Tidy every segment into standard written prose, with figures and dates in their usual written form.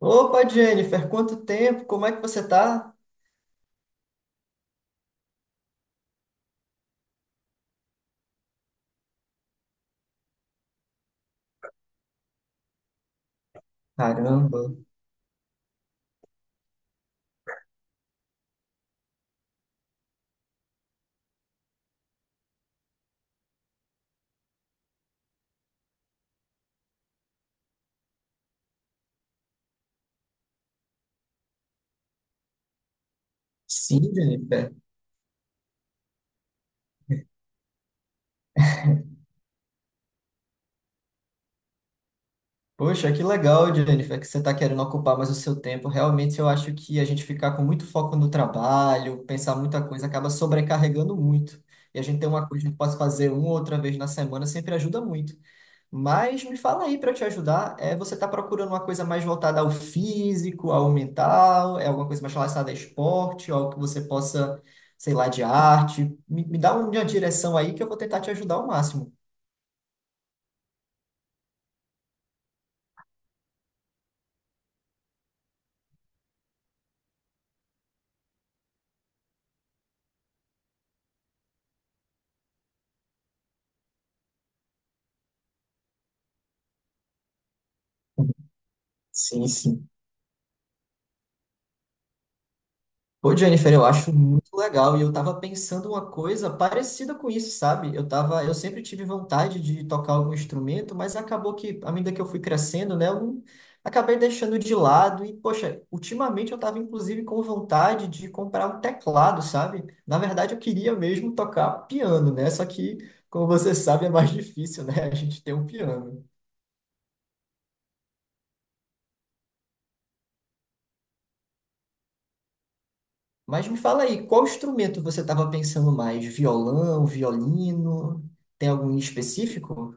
Opa, Jennifer, quanto tempo? Como é que você tá? Caramba. Sim, Jennifer. Poxa, que legal, Jennifer, que você está querendo ocupar mais o seu tempo. Realmente, eu acho que a gente ficar com muito foco no trabalho, pensar muita coisa, acaba sobrecarregando muito. E a gente ter uma coisa que pode fazer uma ou outra vez na semana sempre ajuda muito. Mas me fala aí para te ajudar, você está procurando uma coisa mais voltada ao físico, ao mental, é alguma coisa mais relacionada a esporte, algo que você possa, sei lá, de arte? Me dá uma direção aí que eu vou tentar te ajudar ao máximo. Sim, sim. Pô, Jennifer, eu acho muito legal e eu tava pensando uma coisa parecida com isso, sabe? Eu tava, eu sempre tive vontade de tocar algum instrumento, mas acabou que, à medida que eu fui crescendo, né, eu não- acabei deixando de lado e, poxa, ultimamente eu tava inclusive com vontade de comprar um teclado, sabe? Na verdade, eu queria mesmo tocar piano, né? Só que, como você sabe, é mais difícil, né, a gente ter um piano. Mas me fala aí, qual instrumento você tava pensando mais? Violão, violino? Tem algum em específico?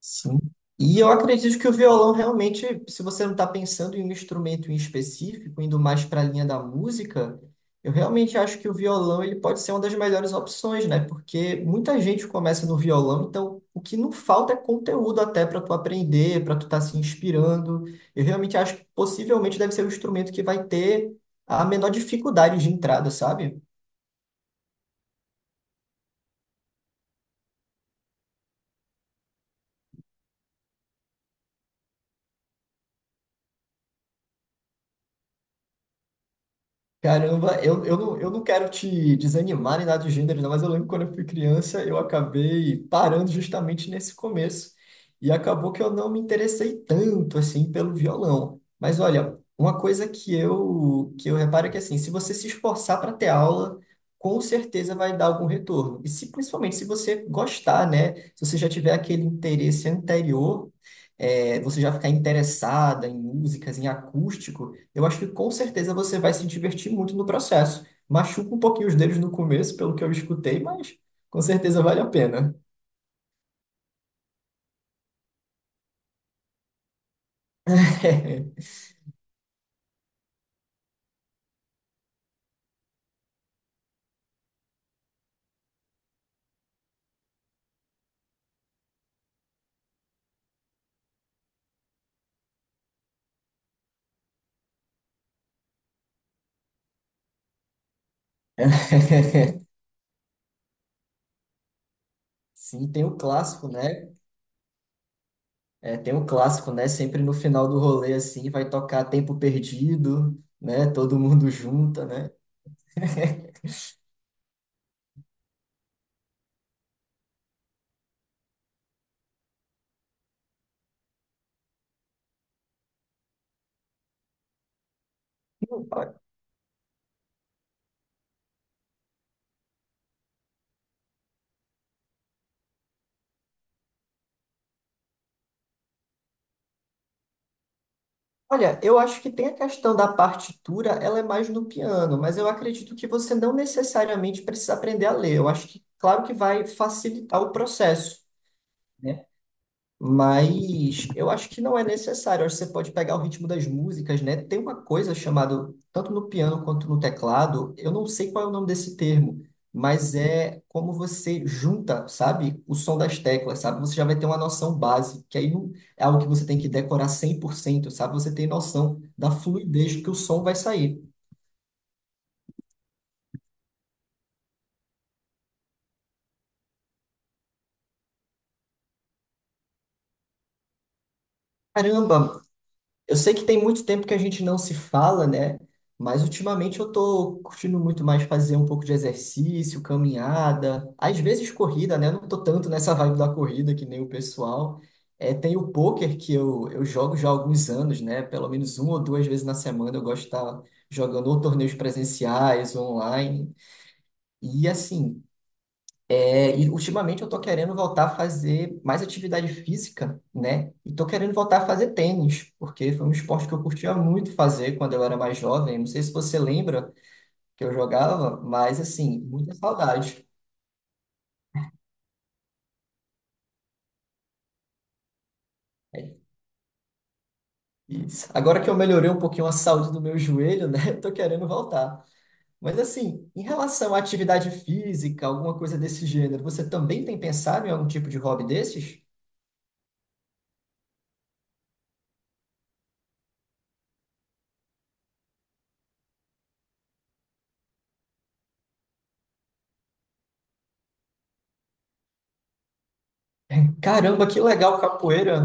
Sim. E eu acredito que o violão realmente, se você não está pensando em um instrumento em específico, indo mais para a linha da música, eu realmente acho que o violão ele pode ser uma das melhores opções, né? Porque muita gente começa no violão, então o que não falta é conteúdo até para tu aprender, para tu estar se inspirando. Eu realmente acho que possivelmente deve ser o instrumento que vai ter a menor dificuldade de entrada, sabe? Caramba, eu não, eu não quero te desanimar nem nada do gênero, não, mas eu lembro quando eu fui criança, eu acabei parando justamente nesse começo. E acabou que eu não me interessei tanto assim pelo violão. Mas olha, uma coisa que eu reparo é que assim, se você se esforçar para ter aula, com certeza vai dar algum retorno. E se principalmente se você gostar, né? Se você já tiver aquele interesse anterior, você já ficar interessada em músicas, em acústico eu acho que com certeza você vai se divertir muito no processo. Machuca um pouquinho os dedos no começo, pelo que eu escutei, mas com certeza vale a pena. Sim, tem o clássico, né? É, tem o clássico, né? Sempre no final do rolê, assim, vai tocar Tempo Perdido, né? Todo mundo junta, né? Não, ó- Olha, eu acho que tem a questão da partitura, ela é mais no piano, mas eu acredito que você não necessariamente precisa aprender a ler. Eu acho que, claro que vai facilitar o processo. Né? Mas eu acho que não é necessário. Eu acho que você pode pegar o ritmo das músicas, né? Tem uma coisa chamada, tanto no piano quanto no teclado, eu não sei qual é o nome desse termo, mas é como você junta, sabe, o som das teclas, sabe? Você já vai ter uma noção base, que aí não é algo que você tem que decorar 100%, sabe? Você tem noção da fluidez que o som vai sair. Caramba, eu sei que tem muito tempo que a gente não se fala, né? Mas ultimamente eu tô curtindo muito mais fazer um pouco de exercício, caminhada, às vezes corrida, né? Eu não tô tanto nessa vibe da corrida que nem o pessoal. É, tem o pôquer que eu jogo já há alguns anos, né? Pelo menos uma ou duas vezes na semana eu gosto de estar jogando ou torneios presenciais, ou online. E assim, e ultimamente eu tô querendo voltar a fazer mais atividade física, né? E tô querendo voltar a fazer tênis, porque foi um esporte que eu curtia muito fazer quando eu era mais jovem. Não sei se você lembra que eu jogava, mas assim, muita saudade. É isso. Agora que eu melhorei um pouquinho a saúde do meu joelho, né? Eu tô querendo voltar. Mas assim, em relação à atividade física, alguma coisa desse gênero, você também tem pensado em algum tipo de hobby desses? Caramba, que legal capoeira!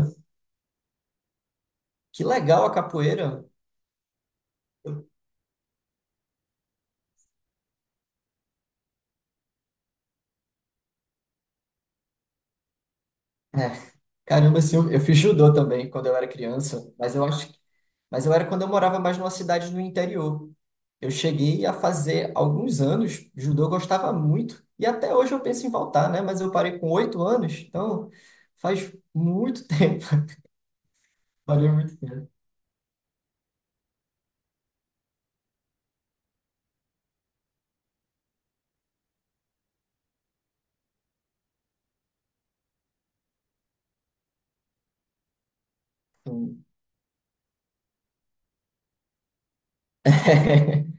Que legal a capoeira! É. Caramba, assim, eu fiz judô também quando eu era criança, mas eu acho que, mas eu era quando eu morava mais numa cidade no interior. Eu cheguei a fazer alguns anos, judô eu gostava muito, e até hoje eu penso em voltar, né? Mas eu parei com 8 anos, então faz muito tempo. Valeu muito tempo.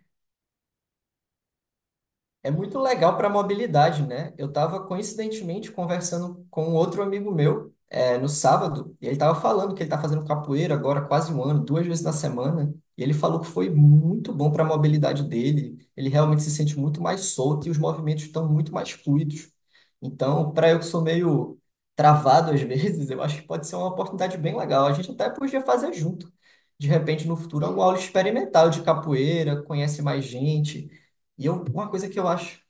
É muito legal para mobilidade, né? Eu estava coincidentemente conversando com outro amigo meu no sábado, e ele estava falando que ele está fazendo capoeira agora há quase um ano, 2 vezes na semana, e ele falou que foi muito bom para a mobilidade dele. Ele realmente se sente muito mais solto e os movimentos estão muito mais fluidos. Então, para eu que sou meio travado às vezes, eu acho que pode ser uma oportunidade bem legal. A gente até podia fazer junto. De repente, no futuro, alguma aula experimental de capoeira, conhece mais gente. E eu, uma coisa que eu acho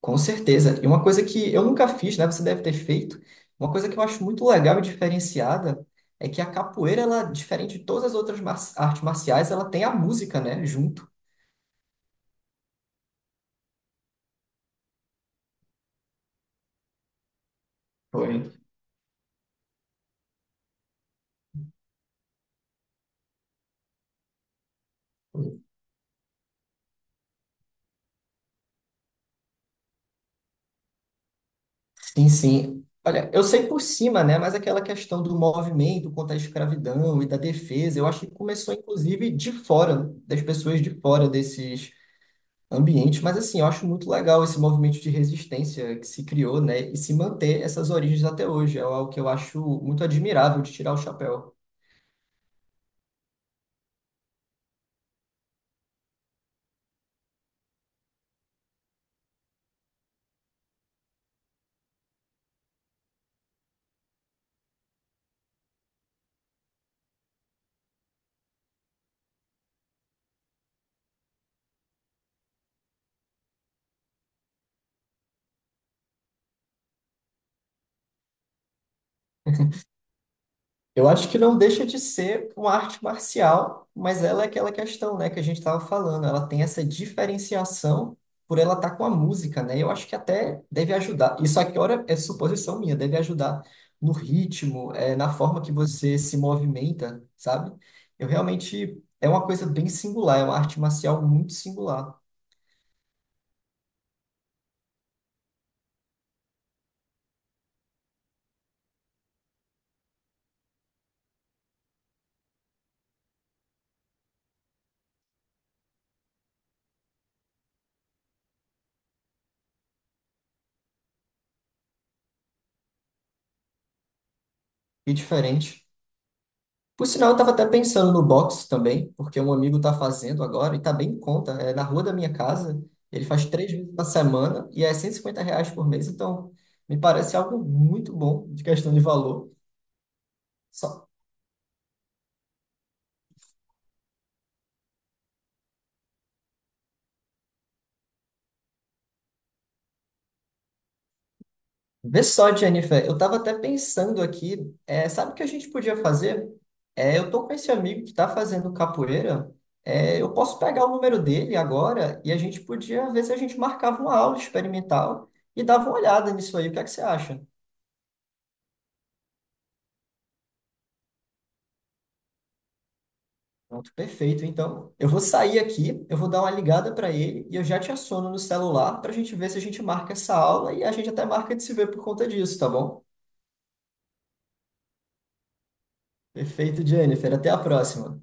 com certeza. E uma coisa que eu nunca fiz, né? Você deve ter feito. Uma coisa que eu acho muito legal e diferenciada é que a capoeira, ela, diferente de todas as outras artes marciais, ela tem a música, né? Junto. Foi. Sim, sim. Olha, eu sei por cima, né? Mas aquela questão do movimento contra a escravidão e da defesa, eu acho que começou, inclusive, de fora, das pessoas de fora desses ambiente, mas assim, eu acho muito legal esse movimento de resistência que se criou, né, e se manter essas origens até hoje, é algo que eu acho muito admirável de tirar o chapéu. Eu acho que não deixa de ser uma arte marcial, mas ela é aquela questão, né, que a gente estava falando. Ela tem essa diferenciação por ela estar com a música, né? Eu acho que até deve ajudar. Isso aqui, ora, é suposição minha, deve ajudar no ritmo, na forma que você se movimenta, sabe? Eu realmente é uma coisa bem singular, é uma arte marcial muito singular e diferente. Por sinal, eu tava até pensando no box também, porque um amigo tá fazendo agora e tá bem em conta. É na rua da minha casa, ele faz 3 vezes na semana e é R$ 150 por mês, então me parece algo muito bom de questão de valor. Só... Vê só, Jennifer, eu tava até pensando aqui, sabe o que a gente podia fazer? Eu tô com esse amigo que tá fazendo capoeira, eu posso pegar o número dele agora e a gente podia ver se a gente marcava uma aula experimental e dava uma olhada nisso aí. O que é que você acha? Pronto, perfeito. Então, eu vou sair aqui, eu vou dar uma ligada para ele e eu já te assono no celular para a gente ver se a gente marca essa aula e a gente até marca de se ver por conta disso, tá bom? Perfeito, Jennifer. Até a próxima.